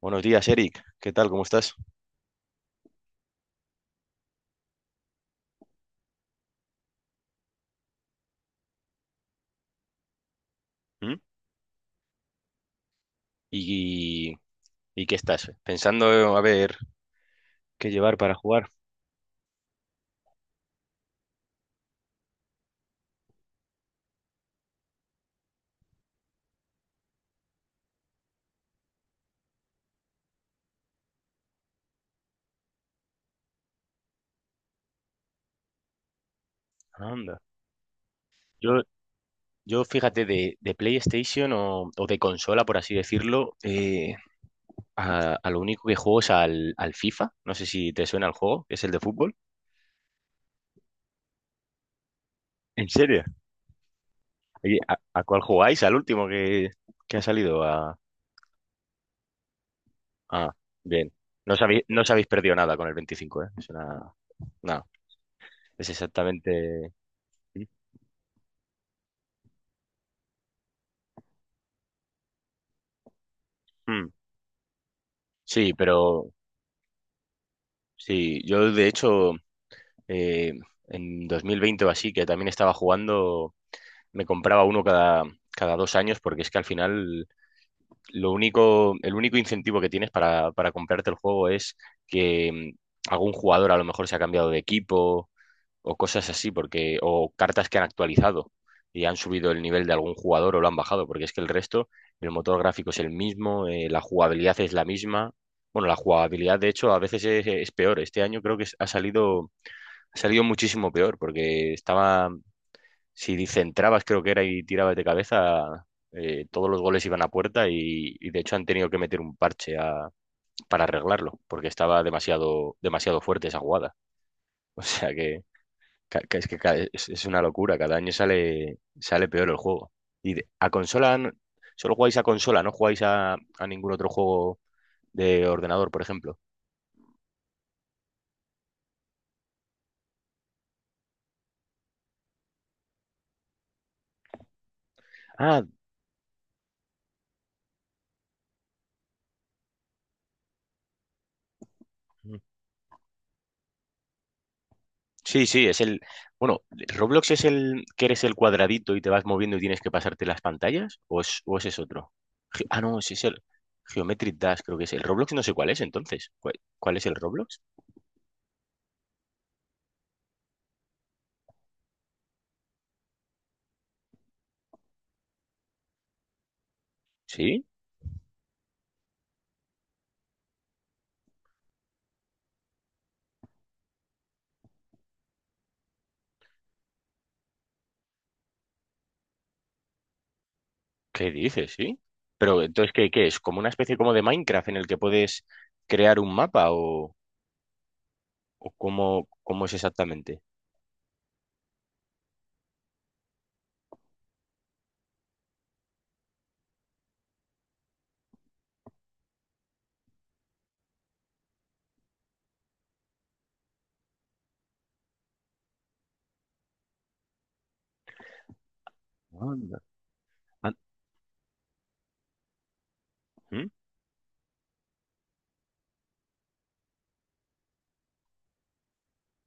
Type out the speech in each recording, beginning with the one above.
Buenos días, Eric. ¿Qué tal? ¿Cómo estás? ¿Mm? ¿Y, y qué estás pensando a ver qué llevar para jugar? Anda. Yo, yo, fíjate, de PlayStation o de consola, por así decirlo, a lo único que juego es al FIFA. No sé si te suena el juego, que es el de fútbol. ¿En serio? Oye, ¿a cuál jugáis? ¿Al último que ha salido? Ah, Bien. No os habéis perdido nada con el 25, ¿eh? Es una. No, es exactamente. Mm. Sí, pero sí, yo de hecho eh, en 2020 o así, que también estaba jugando, me compraba uno cada 2 años, porque es que al final lo único, el único incentivo que tienes para comprarte el juego es que algún jugador a lo mejor se ha cambiado de equipo o cosas así, porque, o cartas que han actualizado y han subido el nivel de algún jugador o lo han bajado, porque es que el resto, el motor gráfico es el mismo, la jugabilidad es la misma. Bueno, la jugabilidad, de hecho, a veces es peor. Este año creo que ha salido salió muchísimo peor, porque estaba, si centrabas, creo que era, y tirabas de cabeza, todos los goles iban a puerta y de hecho han tenido que meter un parche para arreglarlo porque estaba demasiado, demasiado fuerte esa jugada. O sea que, que es que es una locura, cada año sale peor el juego. Y a consola, solo jugáis a consola, no jugáis a ningún otro juego de ordenador, por ejemplo. Ah, sí, sí, es el. Bueno, ¿Roblox es el que eres el cuadradito y te vas moviendo y tienes que pasarte las pantallas? ¿O ese es otro? Ah, no, ese es el Geometric Dash. Creo que es el Roblox. No sé cuál es entonces. ¿Cuál es el Roblox? ¿Sí? ¿Qué dices? ¿Sí? Pero entonces, ¿qué es? ¿Como una especie como de Minecraft en el que puedes crear un mapa o cómo es exactamente? Anda. An- ¿Mm?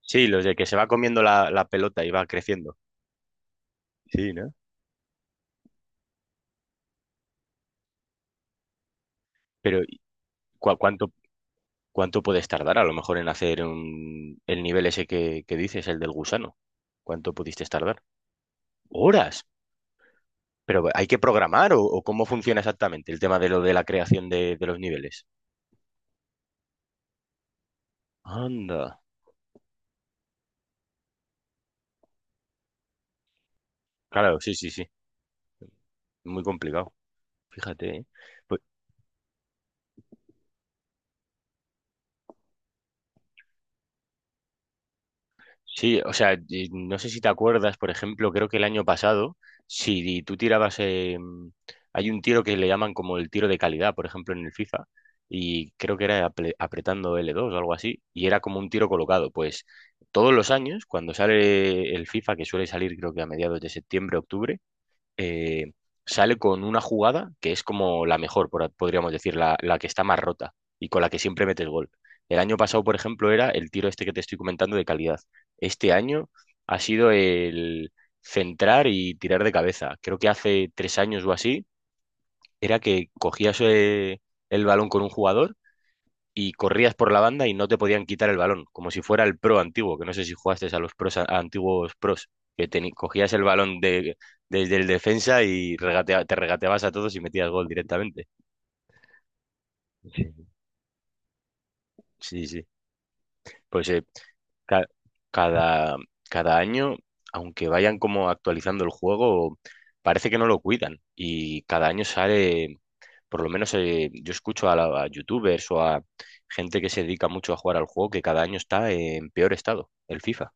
Sí, los de que se va comiendo la pelota y va creciendo. Sí, ¿no? Pero ¿y cua- ¿cuánto ¿Cuánto puedes tardar a lo mejor en hacer el nivel ese que dices, el del gusano? ¿Cuánto pudiste tardar? Horas. Pero hay que programar, o cómo funciona exactamente el tema de lo de la creación de los niveles. Anda. Claro, sí, sí, sí. Muy complicado. Fíjate, ¿eh? Pues. Sí, o sea, y no sé si te acuerdas, por ejemplo. Creo que el año pasado, si tú tirabas, hay un tiro que le llaman como el tiro de calidad, por ejemplo, en el FIFA, y creo que era apretando L2 o algo así, y era como un tiro colocado. Pues todos los años, cuando sale el FIFA, que suele salir creo que a mediados de septiembre, octubre, eh, sale con una jugada que es como la mejor, podríamos decir, la que está más rota y con la que siempre metes gol. El año pasado, por ejemplo, era el tiro este que te estoy comentando de calidad. Este año ha sido el centrar y tirar de cabeza. Creo que hace 3 años o así era que cogías el balón con un jugador y corrías por la banda y no te podían quitar el balón, como si fuera el pro antiguo, que no sé si jugaste a los pros, a antiguos pros, que cogías el balón desde el defensa y te regateabas a todos y metías gol directamente. Sí, sí, sí. Pues ca- cada, cada año, aunque vayan como actualizando el juego, parece que no lo cuidan, y cada año sale. Por lo menos, yo escucho a youtubers o a gente que se dedica mucho a jugar al juego que cada año está en peor estado, el FIFA.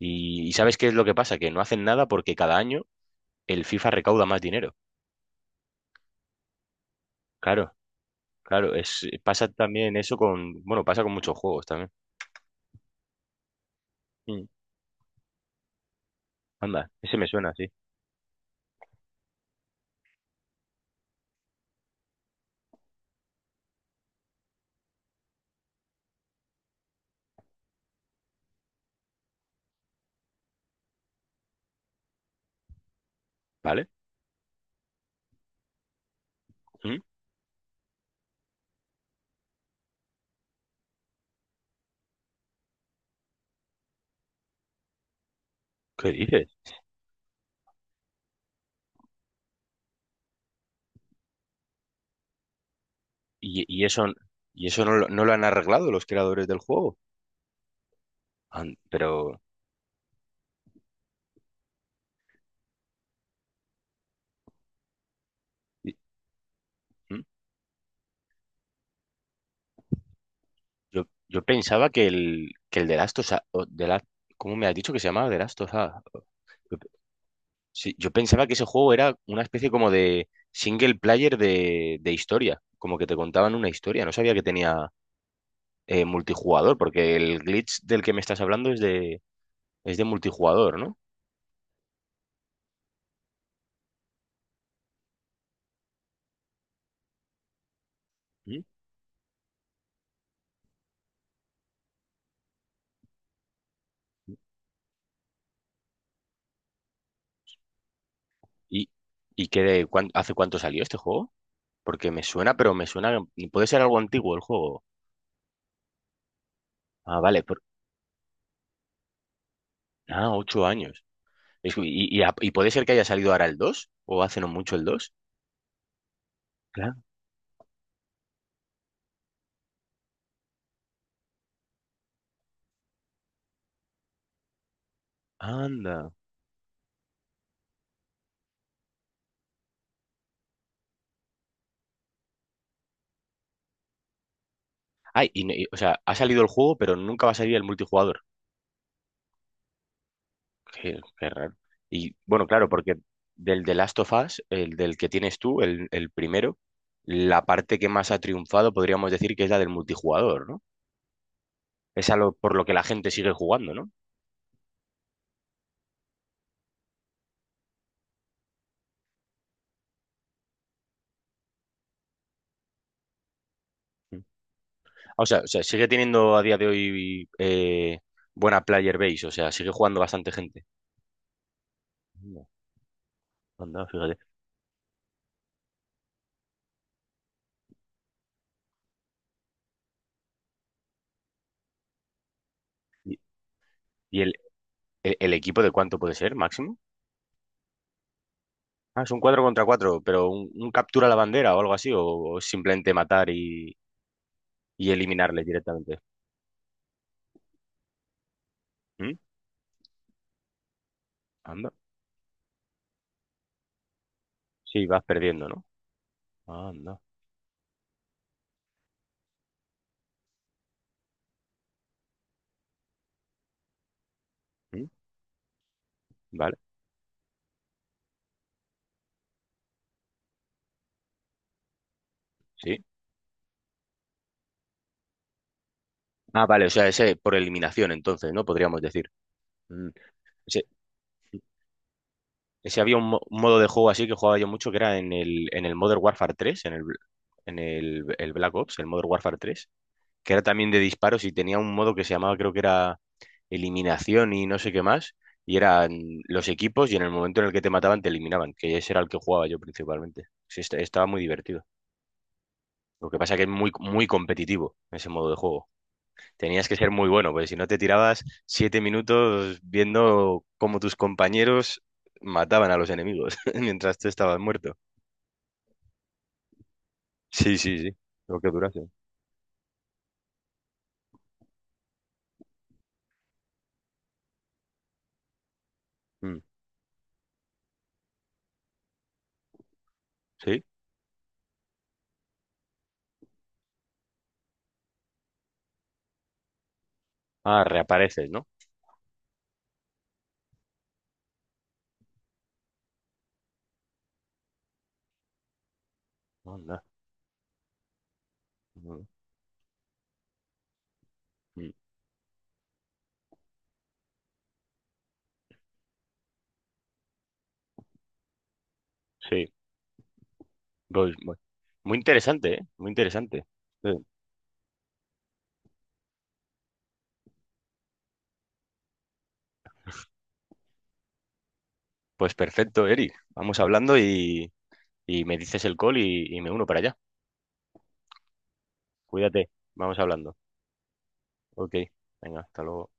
Y, ¿sabes qué es lo que pasa? Que no hacen nada porque cada año el FIFA recauda más dinero. Claro, claro, pasa también eso con, bueno, pasa con muchos juegos también. Mm, Anda, ese me suena, sí. ¿Vale? Mm. ¿Qué dices? ¿Y, eso no, no lo han arreglado los creadores del juego? Pero y- mm, yo pensaba que el de Last of Us- o- de la- ¿cómo me has dicho que se llamaba? De Last of Us. Sí, yo pensaba que ese juego era una especie como de single player de historia, como que te contaban una historia. No sabía que tenía multijugador, porque el glitch del que me estás hablando es de multijugador, ¿no? ¿Mm? ¿Y, y, hace cuánto salió este juego? Porque me suena, pero me suena, puede ser algo antiguo el juego. Ah, vale, 8 años. Y puede ser que haya salido ahora el 2 o hace no mucho el dos. Claro. Anda. Ay, o sea, ha salido el juego, pero nunca va a salir el multijugador. Qué raro. Y bueno, claro, porque del The Last of Us, el del que tienes tú, el primero, la parte que más ha triunfado, podríamos decir que es la del multijugador, ¿no? Es por lo que la gente sigue jugando, ¿no? Mm. O sea, sigue teniendo a día de hoy, buena player base, o sea, sigue jugando bastante gente. No, anda, fíjate. ¿Y, y, el equipo de cuánto puede ser, máximo? Ah, es un 4 contra 4, pero un captura a la bandera o algo así, o simplemente matar y eliminarles directamente. ¿Mm? Anda. Sí, vas perdiendo, ¿no? Anda. Mm, vale, sí. Ah, vale, o sea, ese por eliminación, entonces, ¿no? Podríamos decir. Mm, Ese, ese había un, un modo de juego así que jugaba yo mucho, que era en el Modern Warfare tres, en el Black Ops, el Modern Warfare tres, que era también de disparos, y tenía un modo que se llamaba, creo que era eliminación y no sé qué más, y eran los equipos y en el momento en el que te mataban te eliminaban, que ese era el que jugaba yo principalmente. Sí, estaba muy divertido. Lo que pasa que es muy, muy competitivo ese modo de juego. Tenías que ser muy bueno, porque si no, te tirabas 7 minutos viendo cómo tus compañeros mataban a los enemigos mientras tú estabas muerto. Sí, sí, sí. Lo que durase. Mm, sí. Ah, reapareces, ¿no? Anda. Mm, mm, sí. Pues, muy interesante, ¿eh? Muy interesante. Sí. Pues perfecto, Eric. Vamos hablando y me dices el call y me uno para allá. Cuídate. Vamos hablando. Ok. Venga, hasta luego.